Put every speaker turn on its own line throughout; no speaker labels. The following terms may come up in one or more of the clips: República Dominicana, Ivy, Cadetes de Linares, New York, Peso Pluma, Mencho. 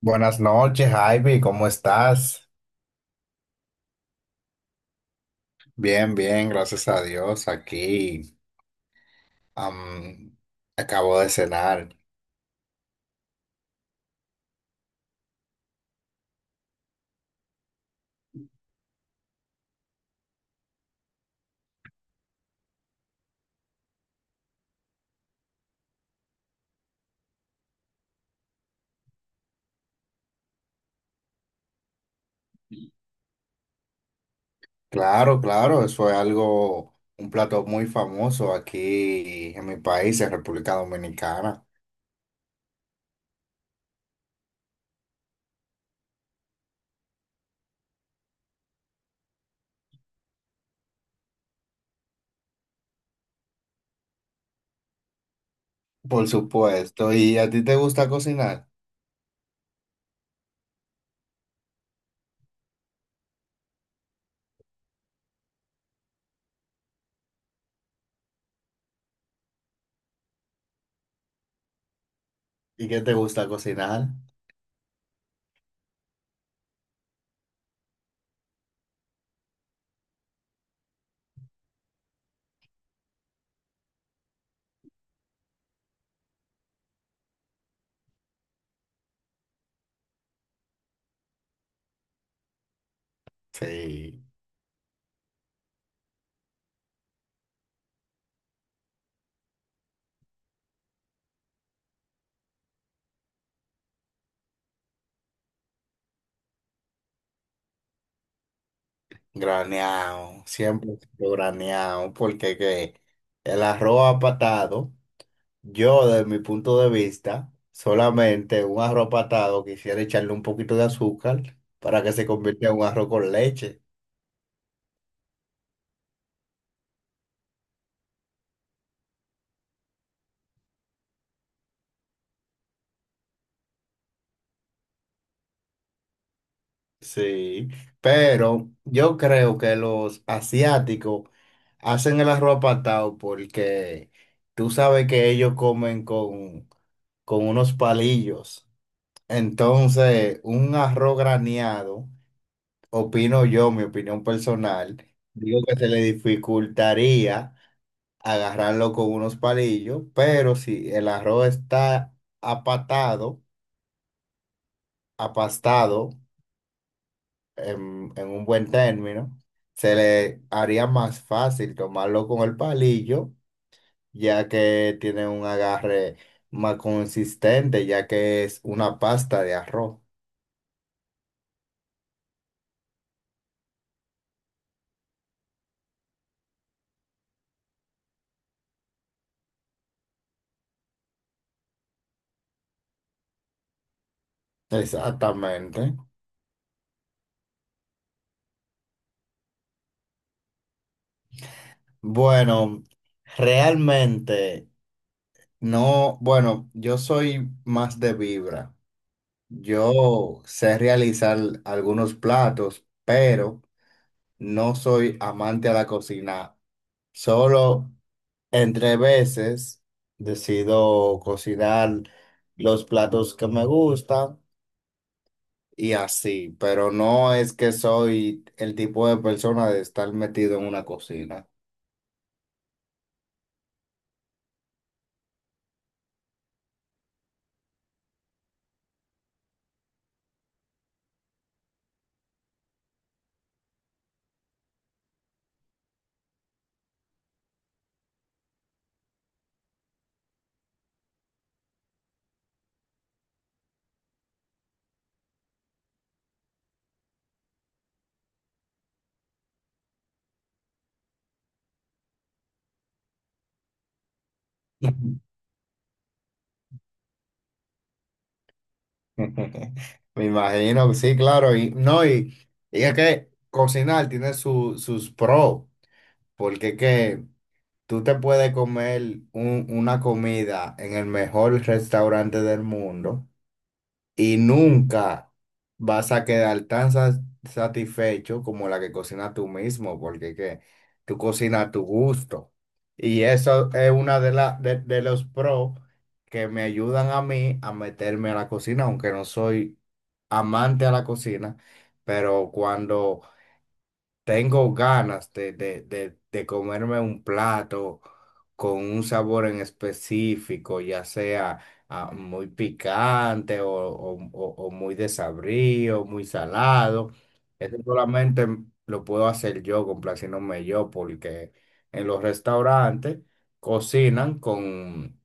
Buenas noches, Ivy, ¿cómo estás? Bien, bien, gracias a Dios, aquí. am, Acabo de cenar. Claro, claro, eso es algo, un plato muy famoso aquí en mi país, en República Dominicana. Por supuesto, ¿y a ti te gusta cocinar? ¿Y qué te gusta cocinar? Sí, graneado, siempre graneado, porque que el arroz apatado. Yo, desde mi punto de vista, solamente un arroz patado quisiera echarle un poquito de azúcar para que se convierta en un arroz con leche. Sí, pero yo creo que los asiáticos hacen el arroz patado porque tú sabes que ellos comen con unos palillos. Entonces, un arroz graneado, opino yo, mi opinión personal, digo que se le dificultaría agarrarlo con unos palillos, pero si el arroz está apatado, apastado en un buen término, se le haría más fácil tomarlo con el palillo, ya que tiene un agarre más consistente, ya que es una pasta de arroz. Exactamente. Bueno, realmente no, bueno, yo soy más de vibra. Yo sé realizar algunos platos, pero no soy amante a la cocina. Solo entre veces decido cocinar los platos que me gustan y así, pero no es que soy el tipo de persona de estar metido en una cocina. Me imagino, sí, claro, y no, y es que cocinar tiene sus pros, porque que tú te puedes comer una comida en el mejor restaurante del mundo y nunca vas a quedar tan satisfecho como la que cocinas tú mismo, porque que tú cocinas a tu gusto. Y eso es una de los pros que me ayudan a mí a meterme a la cocina, aunque no soy amante a la cocina, pero cuando tengo ganas de comerme un plato con un sabor en específico, ya sea muy picante o muy desabrío, muy salado. Eso solamente lo puedo hacer yo, complaciéndome yo, porque en los restaurantes cocinan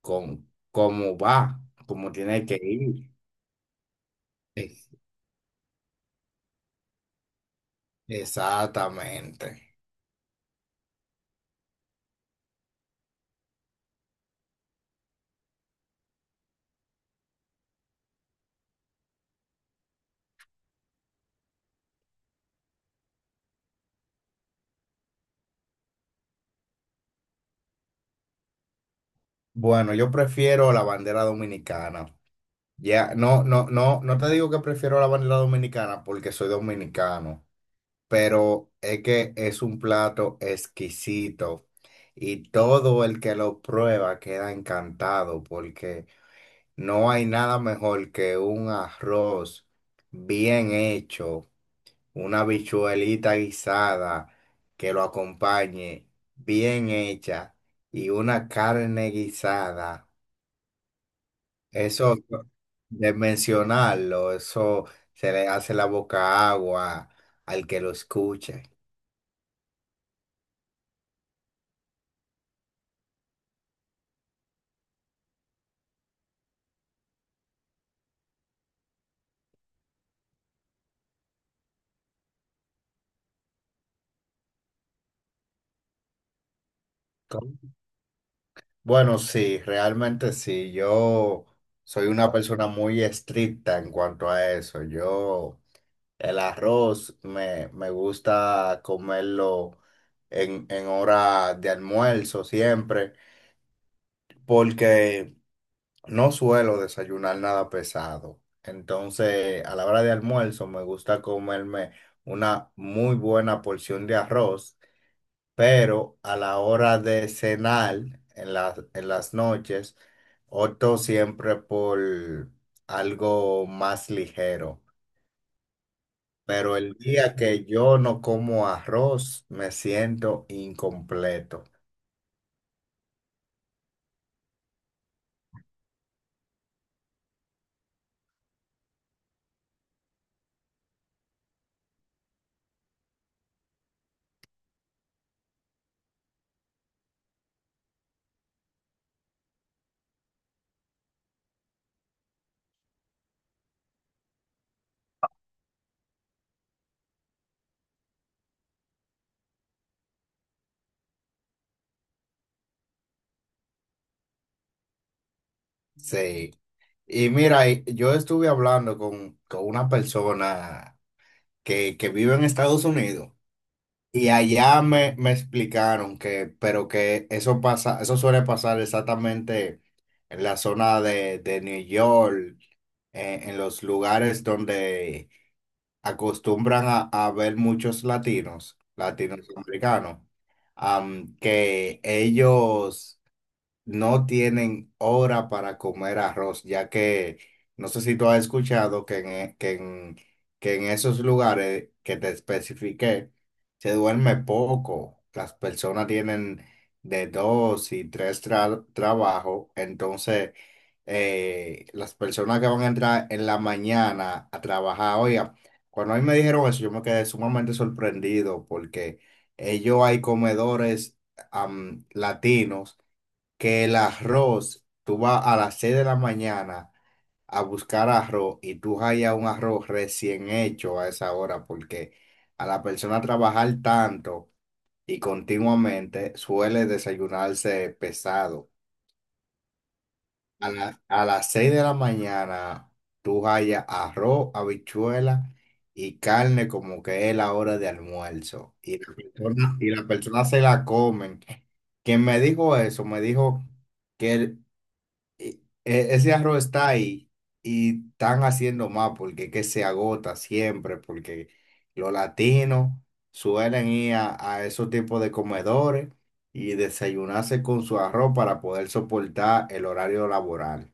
con cómo va, como tiene que ir. Ex- Exactamente. Bueno, yo prefiero la bandera dominicana. Ya, no te digo que prefiero la bandeja dominicana porque soy dominicano, pero es que es un plato exquisito y todo el que lo prueba queda encantado porque no hay nada mejor que un arroz bien hecho, una habichuelita guisada que lo acompañe bien hecha y una carne guisada. Eso de mencionarlo, eso se le hace la boca agua al que lo escuche. ¿Cómo? Bueno, sí, realmente sí. Yo soy una persona muy estricta en cuanto a eso. Yo el arroz me gusta comerlo en hora de almuerzo siempre, porque no suelo desayunar nada pesado. Entonces, a la hora de almuerzo me gusta comerme una muy buena porción de arroz, pero a la hora de cenar en en las noches, opto siempre por algo más ligero. Pero el día que yo no como arroz, me siento incompleto. Sí. Y mira, y yo estuve hablando con una persona que vive en Estados Unidos. Y allá me explicaron que, pero que eso pasa, eso suele pasar exactamente en la zona de New York, en los lugares donde acostumbran a ver muchos latinos, latinoamericanos, que ellos no tienen hora para comer arroz, ya que no sé si tú has escuchado que en que en esos lugares que te especifiqué se duerme poco. Las personas tienen de dos y tres trabajos, entonces las personas que van a entrar en la mañana a trabajar, oiga, cuando a mí me dijeron eso, yo me quedé sumamente sorprendido porque ellos hay comedores latinos que el arroz, tú vas a las 6 de la mañana a buscar arroz y tú hallas un arroz recién hecho a esa hora, porque a la persona trabajar tanto y continuamente suele desayunarse pesado. A las 6 de la mañana tú hallas arroz, habichuela y carne como que es la hora de almuerzo. Y la persona se la comen. Quien me dijo eso, me dijo que ese arroz está ahí y están haciendo más porque que se agota siempre, porque los latinos suelen ir a esos tipos de comedores y desayunarse con su arroz para poder soportar el horario laboral.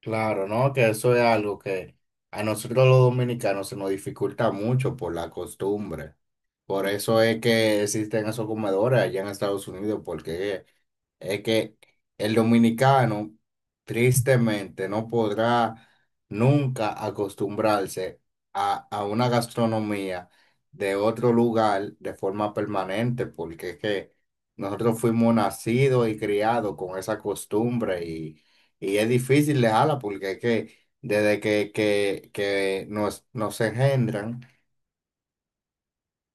Claro, ¿no? Que eso es algo que a nosotros los dominicanos se nos dificulta mucho por la costumbre. Por eso es que existen esos comedores allá en Estados Unidos, porque es que el dominicano tristemente no podrá nunca acostumbrarse a una gastronomía de otro lugar de forma permanente, porque es que nosotros fuimos nacidos y criados con esa costumbre y es difícil dejarla porque es que desde que nos, nos engendran,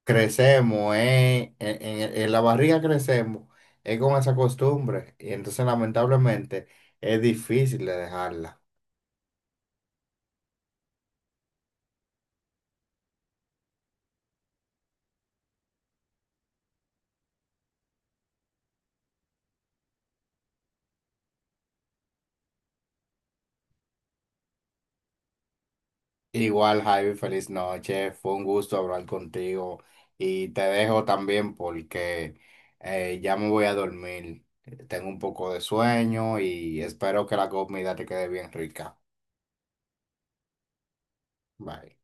crecemos, en la barriga crecemos, es con esa costumbre. Y entonces lamentablemente es difícil de dejarla. Igual, Javi, feliz noche, fue un gusto hablar contigo y te dejo también porque ya me voy a dormir. Tengo un poco de sueño y espero que la comida te quede bien rica. Bye.